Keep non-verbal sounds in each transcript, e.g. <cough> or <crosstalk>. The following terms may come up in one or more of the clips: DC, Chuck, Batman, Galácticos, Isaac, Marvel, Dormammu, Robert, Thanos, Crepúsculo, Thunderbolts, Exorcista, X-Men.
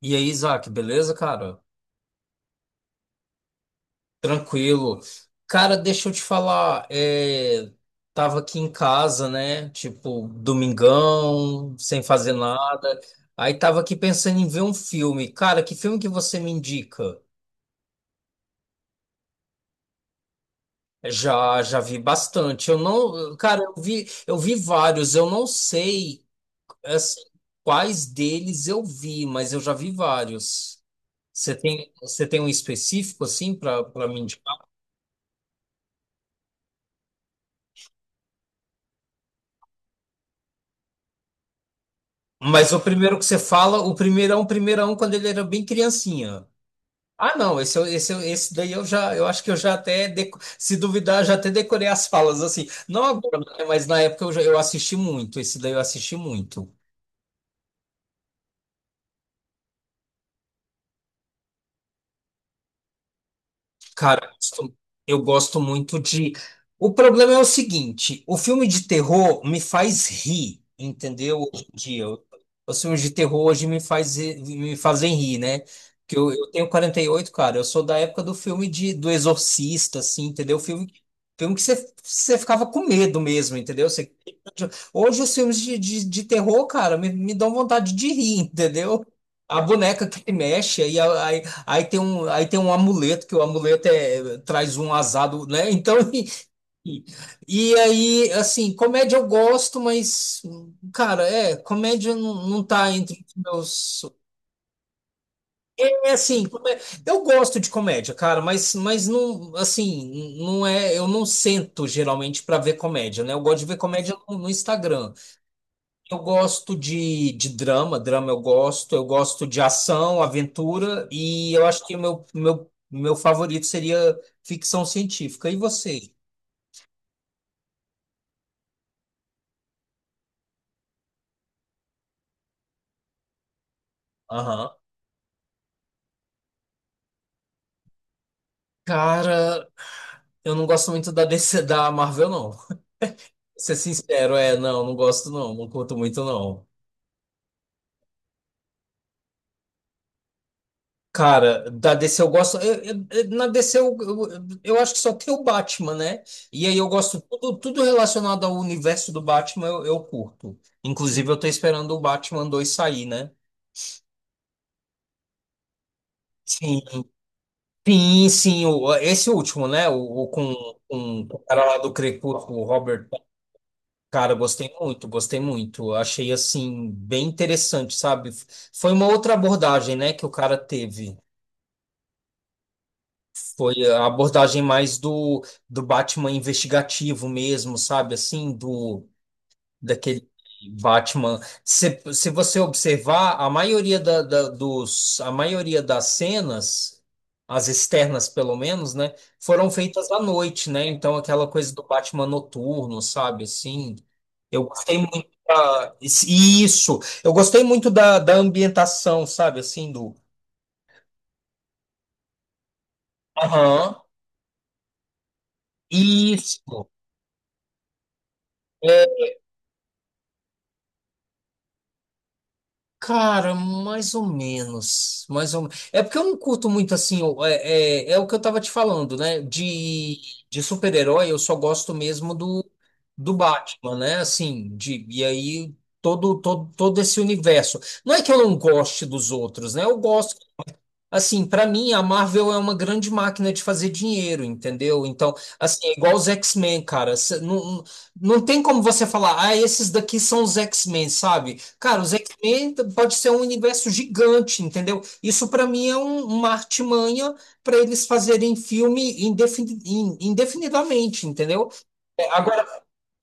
E aí, Isaac, beleza, cara? Tranquilo. Cara, deixa eu te falar, tava aqui em casa, né? Tipo, domingão, sem fazer nada. Aí tava aqui pensando em ver um filme. Cara, que filme que você me indica? Já, já vi bastante. Eu não, cara, eu vi vários. Eu não sei, assim, quais deles eu vi, mas eu já vi vários. Você tem um específico assim para mim? Mas o primeiro que você fala, o primeirão, primeirão, quando ele era bem criancinha. Ah, não, esse daí eu já, eu acho que eu já até, se duvidar, já até decorei as falas, assim. Não agora, né, mas na época eu, já, eu assisti muito, esse daí eu assisti muito. Cara, eu gosto muito de. O problema é o seguinte: o filme de terror me faz rir, entendeu? Hoje em dia, os filmes de terror hoje me fazem rir, né? Porque eu tenho 48 cara. Eu sou da época do filme do Exorcista, assim, entendeu? Filme que você ficava com medo mesmo, entendeu? Hoje os filmes de terror, cara, me dão vontade de rir, <laughs> entendeu? A boneca que mexe, aí. Aí tem um amuleto, que o amuleto traz um azado, né? Então, <laughs> e, e aí, assim, comédia eu gosto, mas, cara, comédia não, não tá entre os meus. É assim, eu gosto de comédia, cara, mas não, assim, não é, eu não sento geralmente pra ver comédia, né? Eu gosto de ver comédia no Instagram. Eu gosto de drama, drama eu gosto de ação, aventura, e eu acho que o meu favorito seria ficção científica. E você? Aham. Cara, eu não gosto muito da DC da Marvel, não. Pra ser sincero, não, não gosto não, não curto muito não. Cara, da DC eu gosto. Na DC eu acho que só tem o Batman, né? E aí eu gosto tudo, tudo relacionado ao universo do Batman, eu curto. Inclusive, eu tô esperando o Batman 2 sair, né? Sim, sim, sim, esse último, né? O com, com o cara lá do Crepúsculo, o Robert. Cara, eu gostei muito, gostei muito. Eu achei assim bem interessante, sabe? Foi uma outra abordagem, né, que o cara teve. Foi a abordagem mais do Batman investigativo mesmo, sabe? Assim, do daquele Batman. Se você observar, a maioria das cenas, as externas pelo menos, né, foram feitas à noite, né? Então aquela coisa do Batman noturno, sabe, assim. Eu gostei muito da, isso. Eu gostei muito da ambientação, sabe, assim do. Aham. Isso. é, Cara, mais ou menos, mais ou menos. É porque eu não curto muito assim, é o que eu tava te falando, né? De super-herói, eu só gosto mesmo do Batman, né? Assim, e aí todo esse universo. Não é que eu não goste dos outros, né? Eu gosto. Assim, pra mim, a Marvel é uma grande máquina de fazer dinheiro, entendeu? Então, assim, é igual os X-Men, cara. Não, não tem como você falar, ah, esses daqui são os X-Men, sabe? Cara, os X-Men pode ser um universo gigante, entendeu? Isso pra mim é uma artimanha pra eles fazerem filme indefinidamente, entendeu?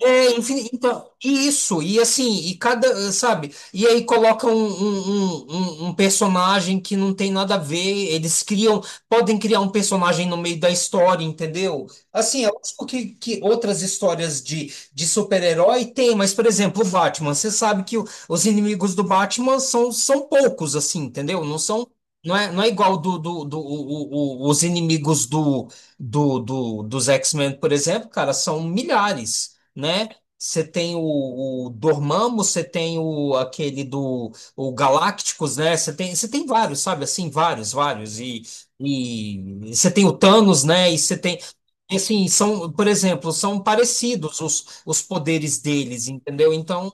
É, enfim, então, isso, e assim, e cada, sabe, e aí coloca um personagem que não tem nada a ver, podem criar um personagem no meio da história, entendeu? Assim, é lógico que, outras histórias de super-herói tem, mas, por exemplo, o Batman, você sabe que os inimigos do Batman são poucos, assim, entendeu? Não são, não é, não é igual os inimigos dos X-Men, por exemplo, cara, são milhares né? Você tem o Dormammu, você tem o aquele do o Galácticos, né? Você tem vários, sabe? Assim, vários, vários. E você tem o Thanos, né? E você tem assim, por exemplo, são parecidos os poderes deles, entendeu? Então,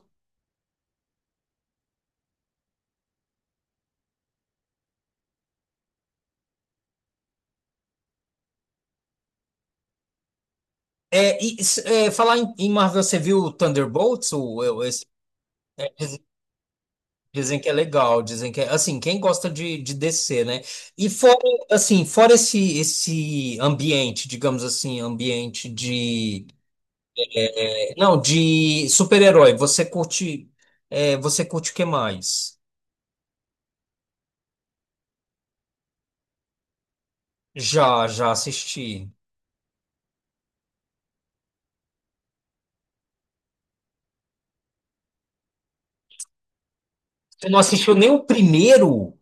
falar em Marvel, você viu o Thunderbolts, esse. Dizem que é legal, dizem que é, assim, quem gosta de descer, né? E fora, assim, fora esse ambiente, digamos assim, ambiente de, não, de super-herói, você curte o que mais? Já, já assisti. Você não assistiu nem o primeiro?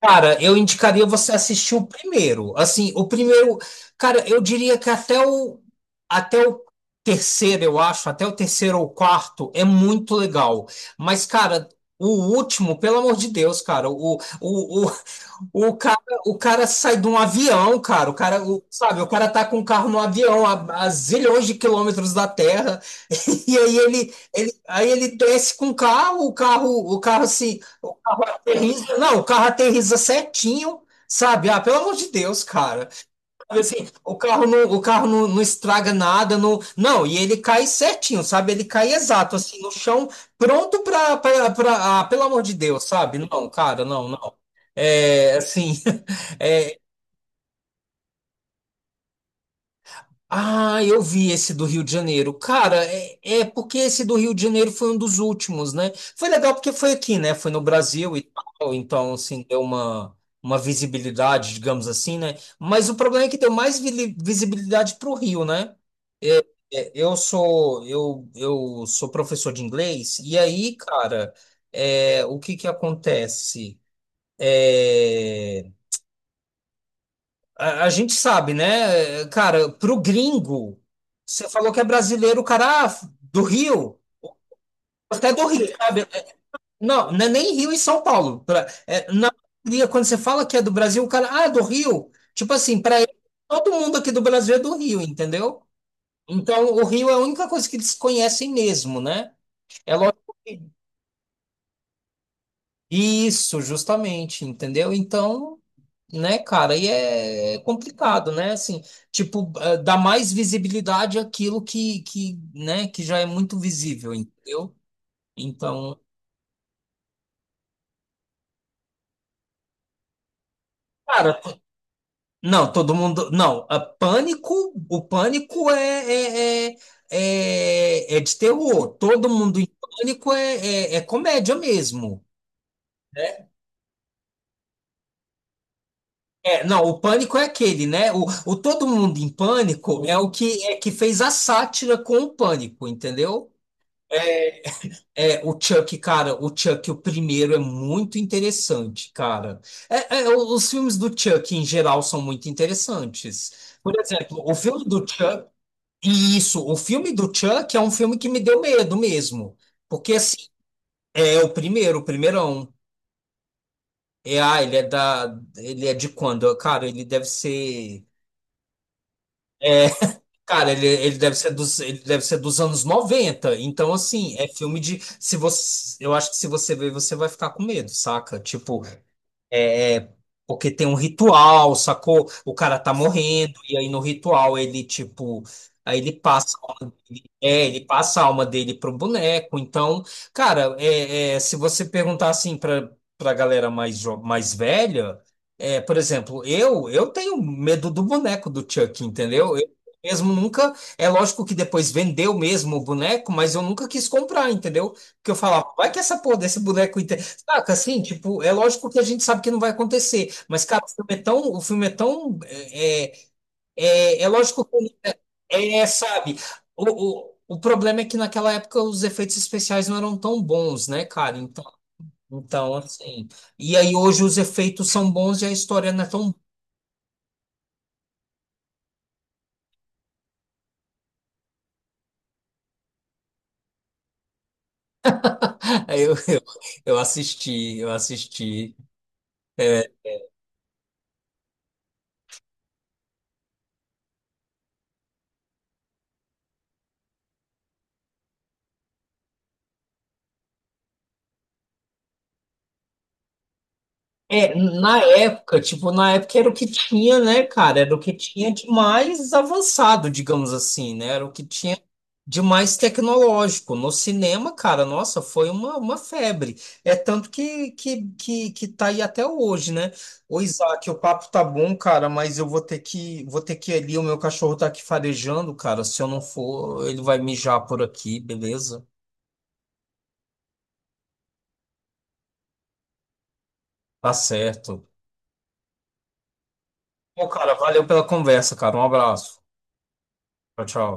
Cara, eu indicaria você assistir o primeiro. Assim, o primeiro, cara, eu diria que até o terceiro, eu acho, até o terceiro ou quarto é muito legal. Mas, cara, o último, pelo amor de Deus, cara, o cara o cara sai de um avião, cara. O cara, sabe, o cara tá com um carro no avião a zilhões de quilômetros da Terra. <laughs> E aí ele aí ele desce com o carro, o carro, o carro assim não, o carro aterriza certinho, sabe? Ah, pelo amor de Deus, cara. Sabe assim, o carro não, não estraga nada, não, não, e ele cai certinho, sabe? Ele cai exato, assim, no chão, pronto ah, pelo amor de Deus, sabe? Não, cara, não, não. É, assim, <laughs> é, Ah, eu vi esse do Rio de Janeiro. Cara, é porque esse do Rio de Janeiro foi um dos últimos, né? Foi legal porque foi aqui, né? Foi no Brasil e tal, então, assim, deu uma visibilidade, digamos assim, né? Mas o problema é que deu mais visibilidade para o Rio, né? É, Eu sou professor de inglês, e aí, cara, o que que acontece? É. A gente sabe, né? Cara, pro gringo, você falou que é brasileiro, o cara ah, do Rio, até do Rio, sabe? Não, não é nem Rio e São Paulo. Na maioria, quando você fala que é do Brasil, o cara, ah, é do Rio. Tipo assim, pra ele, todo mundo aqui do Brasil é do Rio, entendeu? Então, o Rio é a única coisa que eles conhecem mesmo, né? É lógico. Isso, justamente, entendeu? Então, né, cara, e é complicado, né? Assim, tipo, dá mais visibilidade àquilo né, que já é muito visível, entendeu? Então, cara, não, todo mundo, não, o pânico é de terror, todo mundo em pânico é comédia mesmo. É, não, o pânico é aquele, né? O Todo Mundo em Pânico é o que é que fez a sátira com o pânico, entendeu? É, o Chuck, cara, o Chuck, o primeiro é muito interessante, cara. Os filmes do Chuck em geral são muito interessantes. Por exemplo, o filme do Chuck, e isso, o filme do Chuck é um filme que me deu medo mesmo, porque assim, é o primeiro, o primeirão. É, ah, ele é de quando? Cara, ele deve ser. é, Cara, ele deve ser dos anos 90. Então, assim, é filme de. Se você, Eu acho que se você ver, você vai ficar com medo, saca? Tipo, é, porque tem um ritual, sacou? O cara tá morrendo, e aí no ritual ele, tipo, aí ele passa a alma dele pro boneco. Então, cara, se você perguntar assim pra galera mais velha, por exemplo, eu tenho medo do boneco do Chuck, entendeu? Eu mesmo nunca, é lógico que depois vendeu mesmo o boneco, mas eu nunca quis comprar, entendeu? Porque eu falava, vai que essa porra desse boneco. Saca, assim, tipo, é lógico que a gente sabe que não vai acontecer, mas, cara, o filme é tão, é lógico que, sabe, o problema é que naquela época os efeitos especiais não eram tão bons, né, cara, então, assim, e aí hoje os efeitos são bons e a história não é tão, <laughs> eu, eu, eu assisti, É, na época, tipo, na época era o que tinha, né, cara? Era o que tinha de mais avançado, digamos assim, né? Era o que tinha de mais tecnológico. No cinema, cara, nossa, foi uma febre. É tanto que tá aí até hoje, né? Ô, Isaac, o papo tá bom, cara, mas eu vou ter que ir ali, o meu cachorro tá aqui farejando, cara. Se eu não for, ele vai mijar por aqui, beleza? Tá certo. Pô, cara, valeu pela conversa, cara. Um abraço. Tchau, tchau.